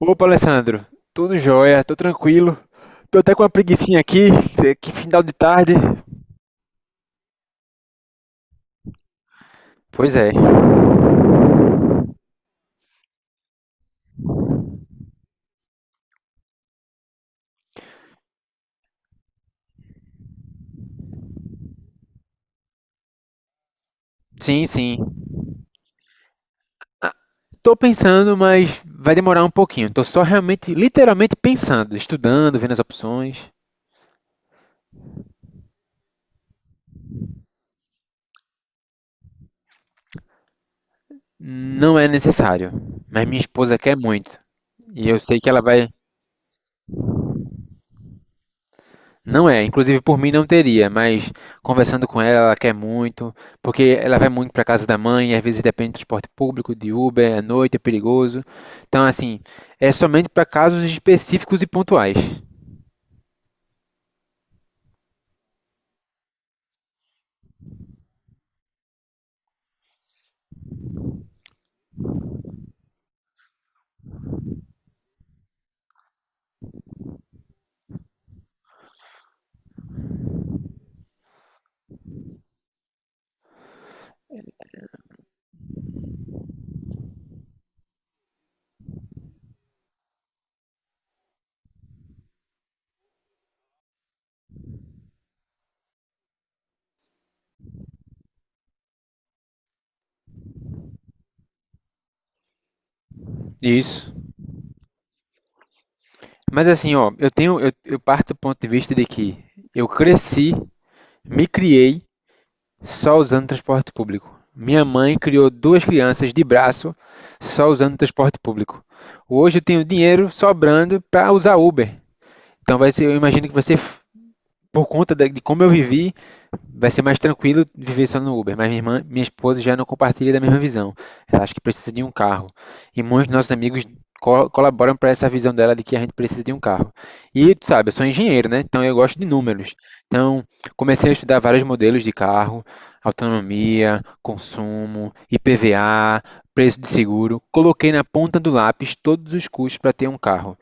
Opa, Alessandro. Tudo jóia, tô tranquilo. Tô até com uma preguicinha aqui, é que final de tarde. Pois é. Sim, sim. Tô pensando, mas vai demorar um pouquinho. Tô só realmente, literalmente pensando, estudando, vendo as opções. Não é necessário, mas minha esposa quer muito. E eu sei que ela vai. Não é, inclusive por mim não teria, mas conversando com ela, ela quer muito, porque ela vai muito para casa da mãe, às vezes depende de transporte público, de Uber, à noite é perigoso. Então, assim, é somente para casos específicos e pontuais. Isso. Mas assim, ó, eu parto do ponto de vista de que eu cresci, me criei só usando transporte público. Minha mãe criou duas crianças de braço só usando transporte público. Hoje eu tenho dinheiro sobrando para usar Uber. Então vai ser, eu imagino que vai ser por conta de como eu vivi, vai ser mais tranquilo viver só no Uber. Mas minha irmã, minha esposa já não compartilha da mesma visão. Ela acha que precisa de um carro. E muitos dos nossos amigos colaboram para essa visão dela de que a gente precisa de um carro. E tu sabe, eu sou engenheiro, né? Então eu gosto de números. Então comecei a estudar vários modelos de carro, autonomia, consumo, IPVA, preço de seguro. Coloquei na ponta do lápis todos os custos para ter um carro.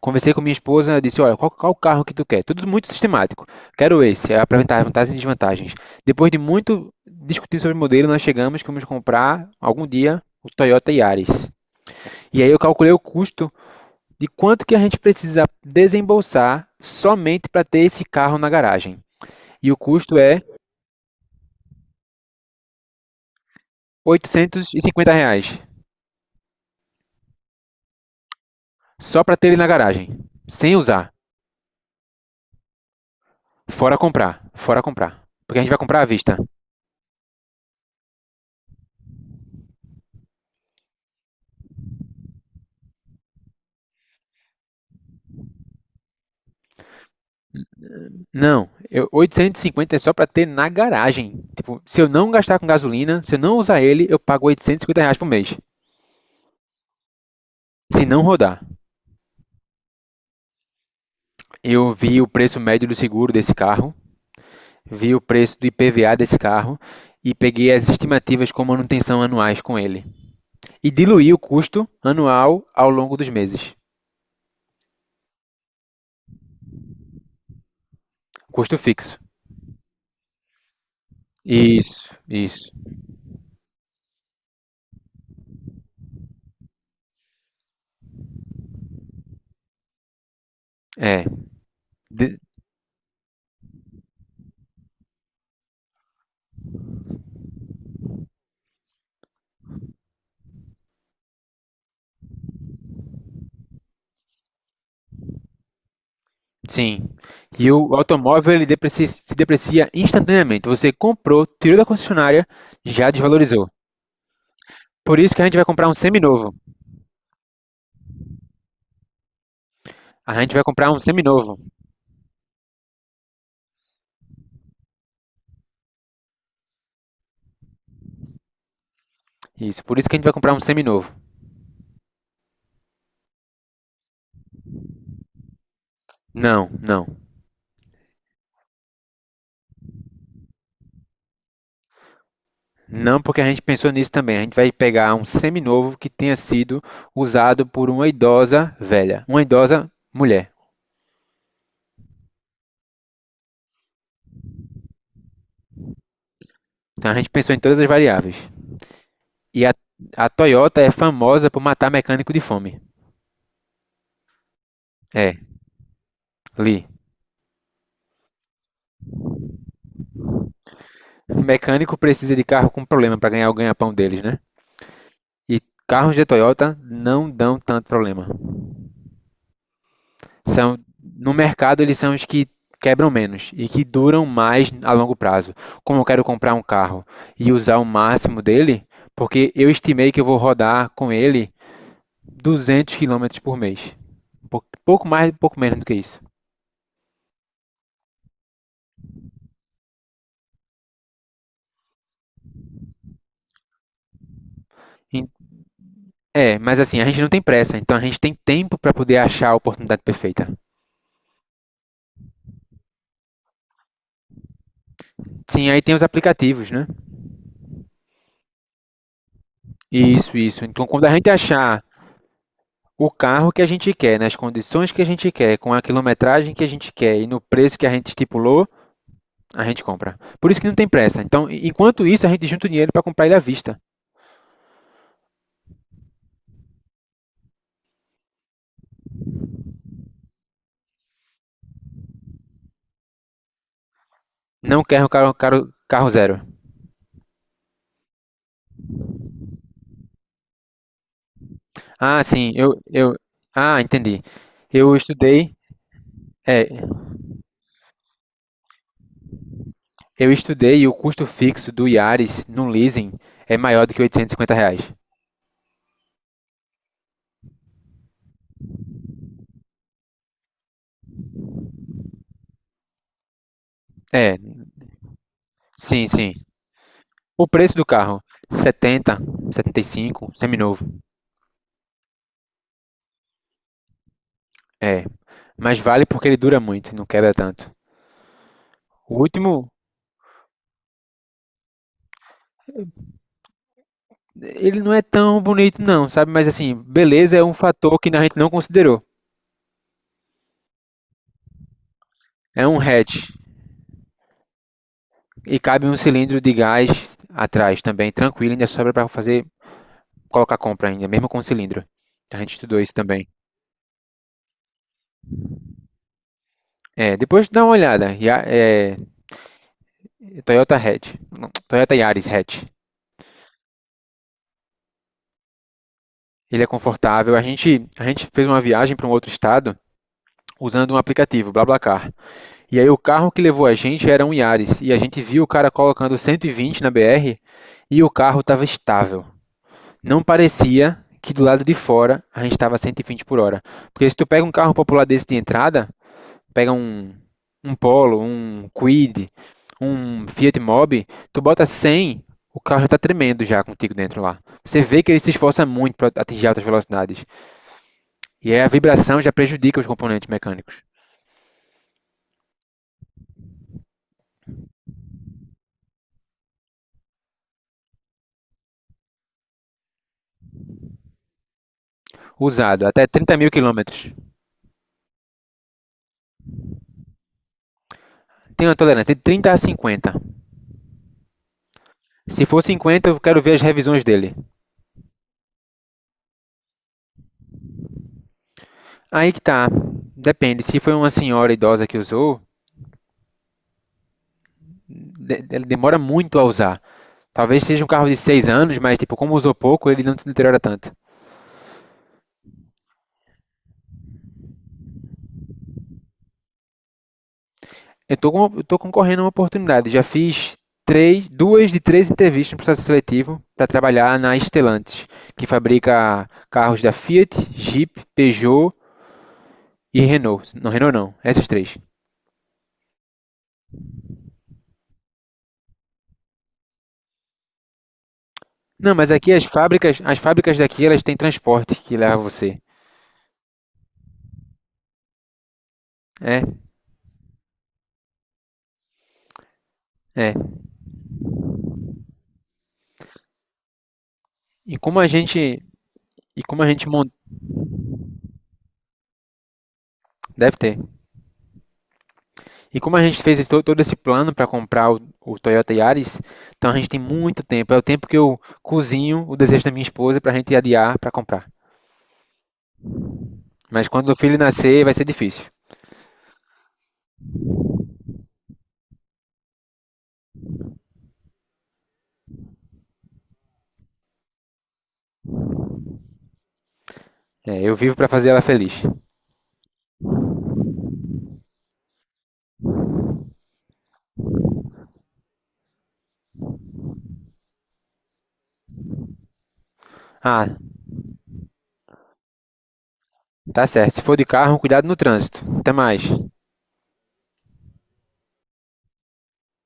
Conversei com minha esposa, disse, olha, qual o carro que tu quer? Tudo muito sistemático. Quero esse, aí apresentar as vantagens e desvantagens. Depois de muito discutir sobre o modelo, nós chegamos que vamos comprar algum dia o Toyota Yaris. E aí eu calculei o custo de quanto que a gente precisa desembolsar somente para ter esse carro na garagem. E o custo é R$ 850 reais, só para ter ele na garagem, sem usar, fora comprar, fora comprar. Porque a gente vai comprar à vista. Não, 850 é só para ter na garagem. Tipo, se eu não gastar com gasolina, se eu não usar ele, eu pago R$ 850 por mês. Se não rodar. Eu vi o preço médio do seguro desse carro, vi o preço do IPVA desse carro e peguei as estimativas com manutenção anuais com ele. E diluí o custo anual ao longo dos meses. Custo fixo. Isso, isso. É. Sim. E o automóvel ele se deprecia instantaneamente. Você comprou, tirou da concessionária, já desvalorizou. Por isso que a gente vai comprar um seminovo. A gente vai comprar um seminovo. Isso, por isso que a gente vai comprar um seminovo. Não, não. Não porque a gente pensou nisso também. A gente vai pegar um seminovo que tenha sido usado por uma idosa velha, uma idosa mulher. Então a gente pensou em todas as variáveis. E a Toyota é famosa por matar mecânico de fome. É, li. Mecânico precisa de carro com problema para ganhar o ganha-pão deles, né? E carros de Toyota não dão tanto problema. São No mercado eles são os que quebram menos e que duram mais a longo prazo. Como eu quero comprar um carro e usar o máximo dele, porque eu estimei que eu vou rodar com ele 200 quilômetros por mês. Pouco mais, pouco menos do que isso. É, mas assim, a gente não tem pressa, então a gente tem tempo para poder achar a oportunidade perfeita. Sim, aí tem os aplicativos, né? Isso, isso. Então, quando a gente achar o carro que a gente quer, nas condições que a gente quer, com a quilometragem que a gente quer e no preço que a gente estipulou, a gente compra. Por isso que não tem pressa. Então, enquanto isso, a gente junta o dinheiro para comprar ele à vista. Não quero carro zero. Ah, sim, eu. Ah, entendi. Eu estudei. É, eu estudei e o custo fixo do Yaris no leasing é maior do que R$ 850. É, sim, sim. O preço do carro, 70, 75, seminovo. É, mas vale porque ele dura muito e não quebra tanto. O último, ele não é tão bonito não, sabe? Mas assim, beleza é um fator que a gente não considerou. É um hatch e cabe um cilindro de gás atrás também, tranquilo, ainda sobra para fazer colocar compra ainda, mesmo com cilindro. A gente estudou isso também. É, depois dá uma olhada. Toyota Hatch, não, Toyota Yaris Hatch. Ele é confortável. A gente fez uma viagem para um outro estado usando um aplicativo, BlaBlaCar. E aí o carro que levou a gente era um Yaris, e a gente viu o cara colocando 120 na BR e o carro estava estável. Não parecia que do lado de fora a gente estava 120 por hora. Porque se tu pega um carro popular desse de entrada, pega um Polo, um Quid, um Fiat Mobi, tu bota 100, o carro já está tremendo já contigo dentro lá. Você vê que ele se esforça muito para atingir altas velocidades. E aí a vibração já prejudica os componentes mecânicos. Usado, até 30 mil quilômetros. Tem uma tolerância de 30 a 50. Se for 50, eu quero ver as revisões dele. Aí que tá. Depende. Se foi uma senhora idosa que usou, ele demora muito a usar. Talvez seja um carro de 6 anos, mas tipo, como usou pouco, ele não se deteriora tanto. Eu tô concorrendo a uma oportunidade. Já fiz três, duas de três entrevistas no processo seletivo para trabalhar na Stellantis, que fabrica carros da Fiat, Jeep, Peugeot e Renault. Não, Renault não, essas três. Não, mas aqui as fábricas daqui, elas têm transporte que leva você. É, é. E como a gente, e como a gente mon- Deve ter. E como a gente fez todo esse plano para comprar o Toyota Yaris, então a gente tem muito tempo. É o tempo que eu cozinho o desejo da minha esposa para a gente adiar para comprar. Mas quando o filho nascer, vai ser difícil. É, eu vivo para fazer ela feliz. Ah, tá certo. Se for de carro, cuidado no trânsito. Até mais.